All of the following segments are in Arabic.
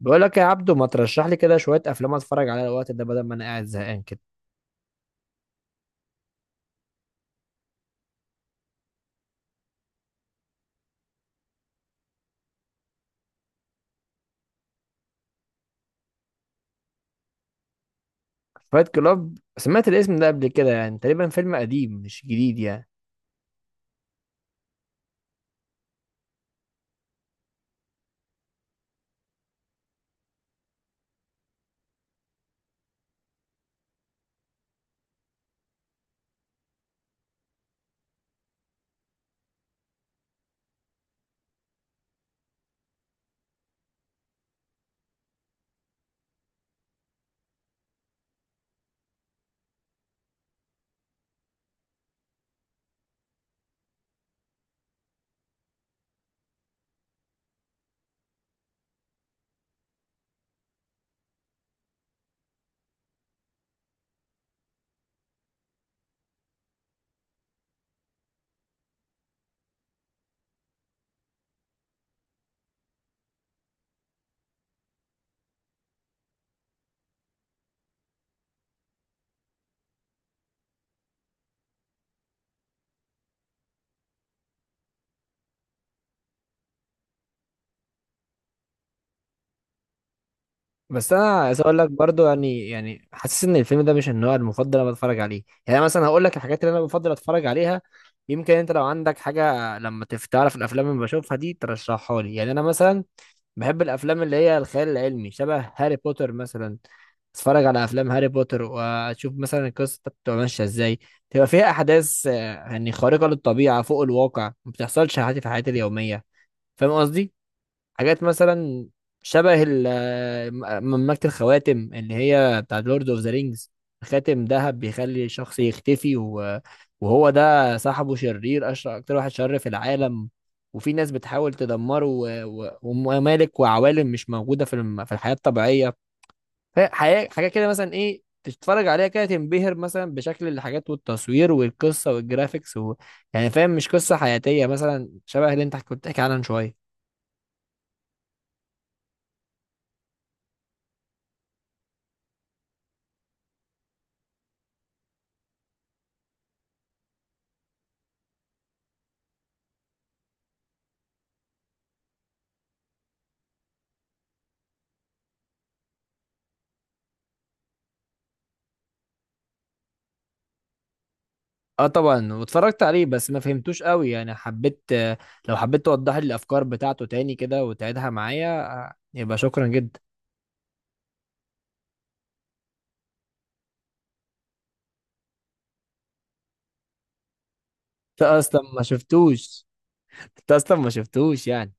بقول لك يا عبدو ما ترشح لي كده شويه افلام اتفرج عليها الوقت ده بدل ما انا قاعد زهقان كده. فايت كلاب سمعت الاسم ده قبل كده، يعني تقريبا فيلم قديم مش جديد يعني. بس انا عايز اقول لك برضو يعني حاسس ان الفيلم ده مش النوع المفضل اللي انا بتفرج عليه. يعني أنا مثلا هقول لك الحاجات اللي انا بفضل اتفرج عليها. يمكن انت لو عندك حاجه لما تعرف الافلام اللي بشوفها دي ترشحها لي. يعني انا مثلا بحب الافلام اللي هي الخيال العلمي شبه هاري بوتر مثلا. اتفرج على افلام هاري بوتر واشوف مثلا القصه بتبقى ماشيه ازاي، تبقى فيها احداث يعني خارقه للطبيعه فوق الواقع ما بتحصلش عادي في حياتي اليوميه. فاهم قصدي؟ حاجات مثلا شبه مملكة الخواتم اللي هي بتاع لورد اوف ذا رينجز. خاتم ذهب بيخلي شخص يختفي، وهو ده صاحبه شرير أشر أكتر واحد شر في العالم. وفي ناس بتحاول تدمره وممالك وعوالم مش موجودة في في الحياة الطبيعية. حاجة حاجة كده مثلا إيه، تتفرج عليها كده تنبهر مثلا بشكل الحاجات والتصوير والقصة والجرافيكس يعني فاهم؟ مش قصة حياتية مثلا شبه اللي أنت كنت بتحكي عنها من شوية. اه طبعا واتفرجت عليه بس ما فهمتوش قوي. يعني حبيت لو حبيت توضح لي الافكار بتاعته تاني كده وتعيدها معايا، يبقى شكرا جدا. انت اصلا ما شفتوش؟ انت اصلا ما شفتوش يعني.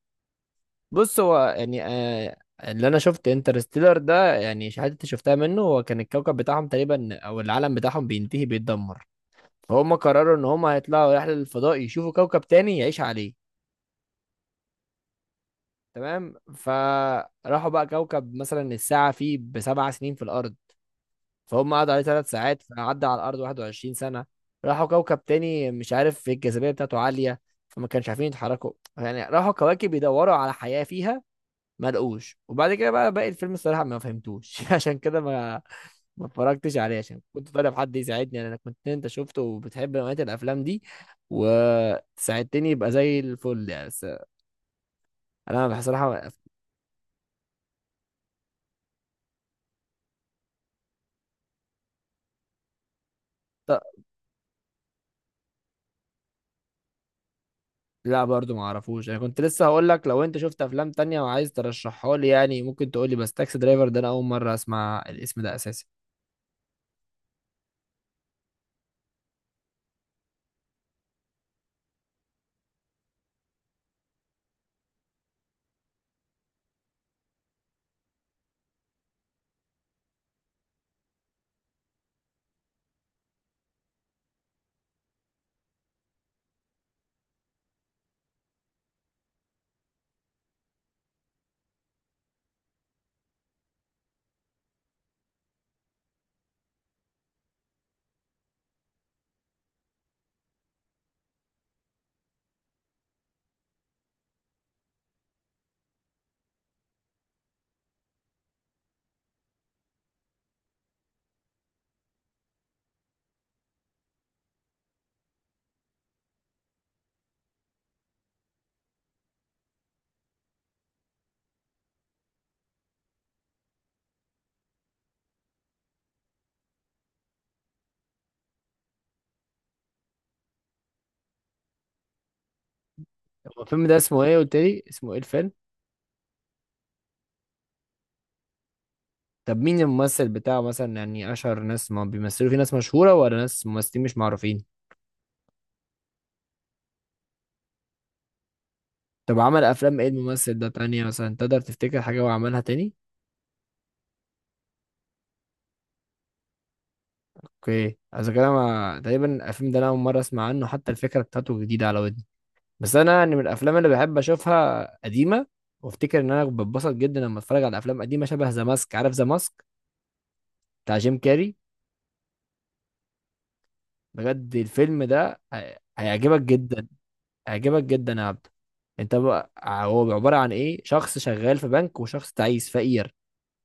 بص هو يعني اللي انا شفت انترستيلر ده، يعني الحتت اللي شفتها منه هو كان الكوكب بتاعهم تقريبا او العالم بتاعهم بينتهي بيتدمر. فهم قرروا ان هم هيطلعوا رحلة للفضاء يشوفوا كوكب تاني يعيش عليه. تمام، فراحوا بقى كوكب مثلا الساعة فيه بسبع سنين في الأرض. فهم قعدوا عليه ثلاث ساعات فعدى على الارض 21 سنه. راحوا كوكب تاني مش عارف الجاذبيه بتاعته عاليه، فما كانش عارفين يتحركوا. يعني راحوا كواكب يدوروا على حياه فيها ما لقوش. وبعد كده بقى باقي الفيلم الصراحه ما فهمتوش عشان كده ما اتفرجتش عليه عشان كنت طالب حد يساعدني. يعني انا كنت انت شفته وبتحب نوعيه الافلام دي وساعدتني يبقى زي الفل يعني. بس انا بصراحه. لا برضو ما اعرفوش. انا كنت لسه هقول لك لو انت شفت افلام تانية وعايز ترشحها لي يعني ممكن تقول لي. بس تاكسي درايفر ده انا اول مرة اسمع الاسم ده اساسا. هو الفيلم ده اسمه ايه؟ قلت لي اسمه ايه الفيلم؟ طب مين الممثل بتاعه مثلا؟ يعني اشهر ناس ما بيمثلوا، في ناس مشهورة ولا ناس ممثلين مش معروفين؟ طب عمل افلام ايه الممثل ده تانية مثلا؟ تقدر تفتكر حاجة هو عملها تاني؟ اوكي اذا كده تقريبا الفيلم ده انا اول مرة اسمع عنه، حتى الفكرة بتاعته جديدة على ودني. بس انا يعني من الافلام اللي بحب اشوفها قديمه. وافتكر ان انا بتبسط جدا لما اتفرج على افلام قديمه شبه ذا ماسك. عارف ذا ماسك بتاع جيم كاري؟ بجد الفيلم ده هيعجبك جدا. هيعجبك جدا يا عبد. انت بقى هو عباره عن ايه؟ شخص شغال في بنك، وشخص تعيس فقير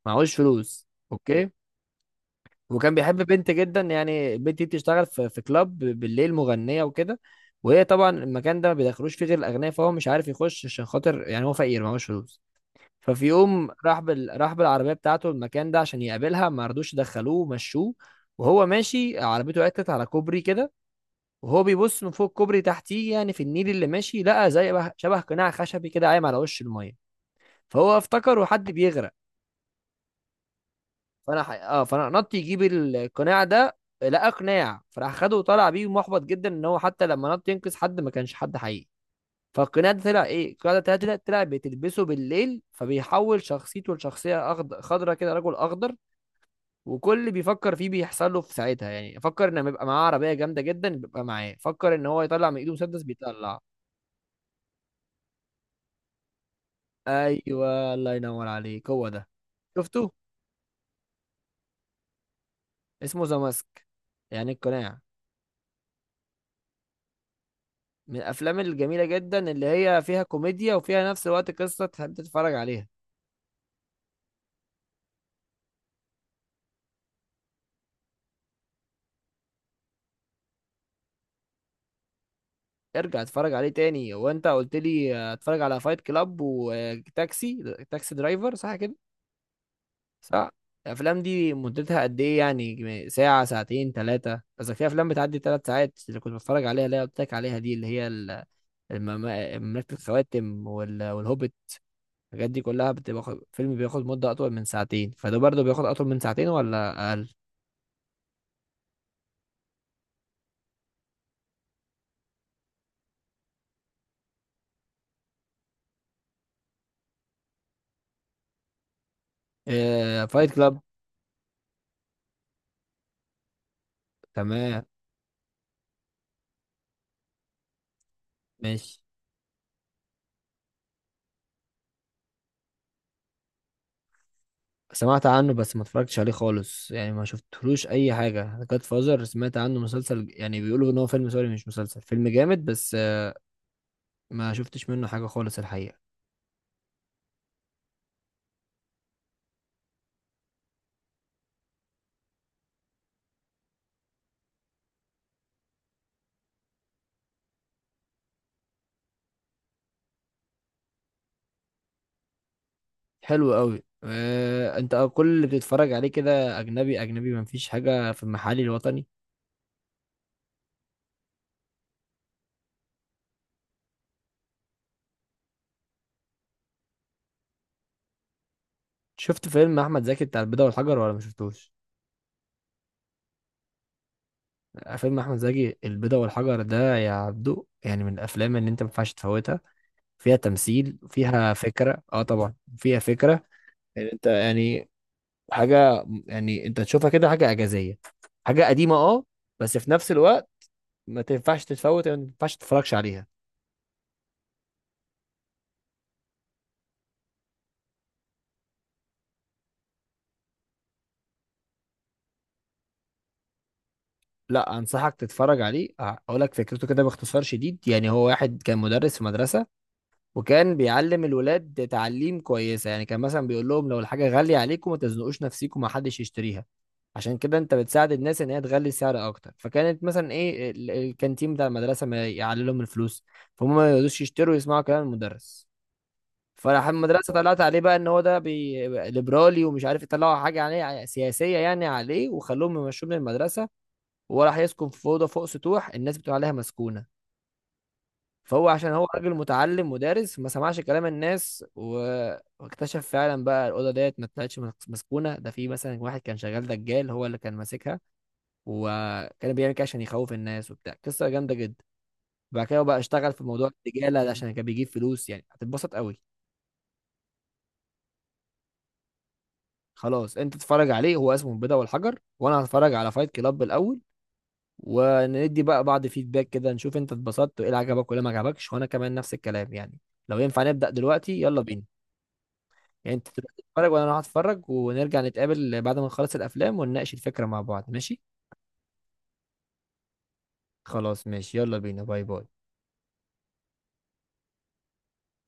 معهوش فلوس. اوكي. وكان بيحب بنت جدا، يعني البنت دي بتشتغل في كلاب بالليل مغنيه وكده. وهي طبعا المكان ده ما بيدخلوش فيه غير الاغنياء، فهو مش عارف يخش عشان خاطر يعني هو فقير معهوش فلوس. ففي يوم راح راح بالعربيه بتاعته المكان ده عشان يقابلها ما رضوش يدخلوه مشوه. وهو ماشي عربيته عطلت على كوبري كده، وهو بيبص من فوق الكوبري تحتيه يعني في النيل اللي ماشي لقى زي شبه قناع خشبي كده قايم على وش الميه. فهو افتكر حد بيغرق. فانا ح... اه فانا نط يجيب القناع ده. لقى قناع فراح خده وطلع بيه محبط جدا ان هو حتى لما نط ينقذ حد ما كانش حد حقيقي. فالقناع ده طلع ايه؟ القناع ده طلع بتلبسه بالليل فبيحول شخصيته لشخصيه خضرة كده، رجل اخضر. وكل اللي بيفكر فيه بيحصل له في ساعتها، يعني فكر ان بيبقى معاه عربيه جامده جدا بيبقى معاه، فكر ان هو يطلع من ايده مسدس بيطلع. ايوه الله ينور عليك هو ده. شفته؟ اسمه ذا ماسك، يعني القناع. من الافلام الجميله جدا اللي هي فيها كوميديا وفيها نفس الوقت قصه تحب تتفرج عليها. ارجع اتفرج عليه تاني وانت قلت لي اتفرج على فايت كلاب وتاكسي درايفر، صح كده؟ صح. الافلام دي مدتها قد ايه؟ يعني ساعه، ساعتين، ثلاثه، قصدك في افلام بتعدي ثلاث ساعات اللي كنت بتفرج عليها اللي هي قلت لك عليها دي اللي هي مملكه الخواتم والهوبيت. الحاجات دي كلها بتبقى فيلم بياخد مده اطول من ساعتين، فده برضه بياخد اطول من ساعتين ولا اقل؟ آه فايت كلاب. تمام. ماشي. سمعت عنه بس ما اتفرجتش عليه خالص، يعني ما شفتلوش اي حاجه. جاد فازر سمعت عنه مسلسل، يعني بيقولوا ان هو فيلم سوري مش مسلسل، فيلم جامد بس ما شفتش منه حاجه خالص الحقيقه. حلو قوي. انت كل اللي بتتفرج عليه كده اجنبي اجنبي، مفيش حاجه في المحلي الوطني؟ شفت فيلم احمد زكي بتاع البيضه والحجر ولا ما شفتوش؟ فيلم احمد زكي البيضه والحجر ده يا عبدو يعني من الافلام اللي انت ما ينفعش تفوتها. فيها تمثيل فيها فكره، اه طبعا فيها فكره. يعني انت يعني حاجه يعني انت تشوفها كده حاجه اعجازيه، حاجه قديمه اه، بس في نفس الوقت ما تنفعش تتفوت، ما ينفعش تتفرجش عليها. لا انصحك تتفرج عليه. اقول لك فكرته كده باختصار شديد. يعني هو واحد كان مدرس في مدرسه وكان بيعلم الولاد تعليم كويسه. يعني كان مثلا بيقول لهم لو الحاجه غاليه عليكم ما تزنقوش نفسيكم، ما حدش يشتريها، عشان كده انت بتساعد الناس ان هي تغلي السعر اكتر. فكانت مثلا ايه، الكانتين بتاع المدرسه ما يعلي لهم الفلوس، فهم ما يقدروش يشتروا يسمعوا كلام المدرس. فراح المدرسه طلعت عليه بقى ان هو ده ليبرالي ومش عارف، يطلعوا حاجه عليه سياسيه يعني عليه وخلوهم يمشوه من المدرسه. وراح يسكن في اوضه فوق سطوح الناس بتقول عليها مسكونه. فهو عشان هو راجل متعلم مدرس ما سمعش كلام الناس واكتشف فعلا بقى الاوضه ديت ما طلعتش مسكونه. ده في مثلا واحد كان شغال دجال هو اللي كان ماسكها وكان بيعمل كده عشان يخوف الناس وبتاع، قصه جامده جدا. بعد كده هو بقى اشتغل في موضوع الدجاله ده عشان كان بيجيب فلوس، يعني هتتبسط قوي. خلاص انت تتفرج عليه هو اسمه البيضه والحجر، وانا هتفرج على فايت كلاب الاول، وندي بقى بعض فيدباك كده نشوف انت اتبسطت وايه اللي عجبك وايه اللي ما عجبكش، وانا كمان نفس الكلام يعني. لو ينفع نبدأ دلوقتي يلا بينا. يعني انت تبقى تتفرج وانا اروح اتفرج ونرجع نتقابل بعد ما نخلص الافلام ونناقش الفكرة مع بعض، ماشي؟ خلاص ماشي يلا بينا، باي باي.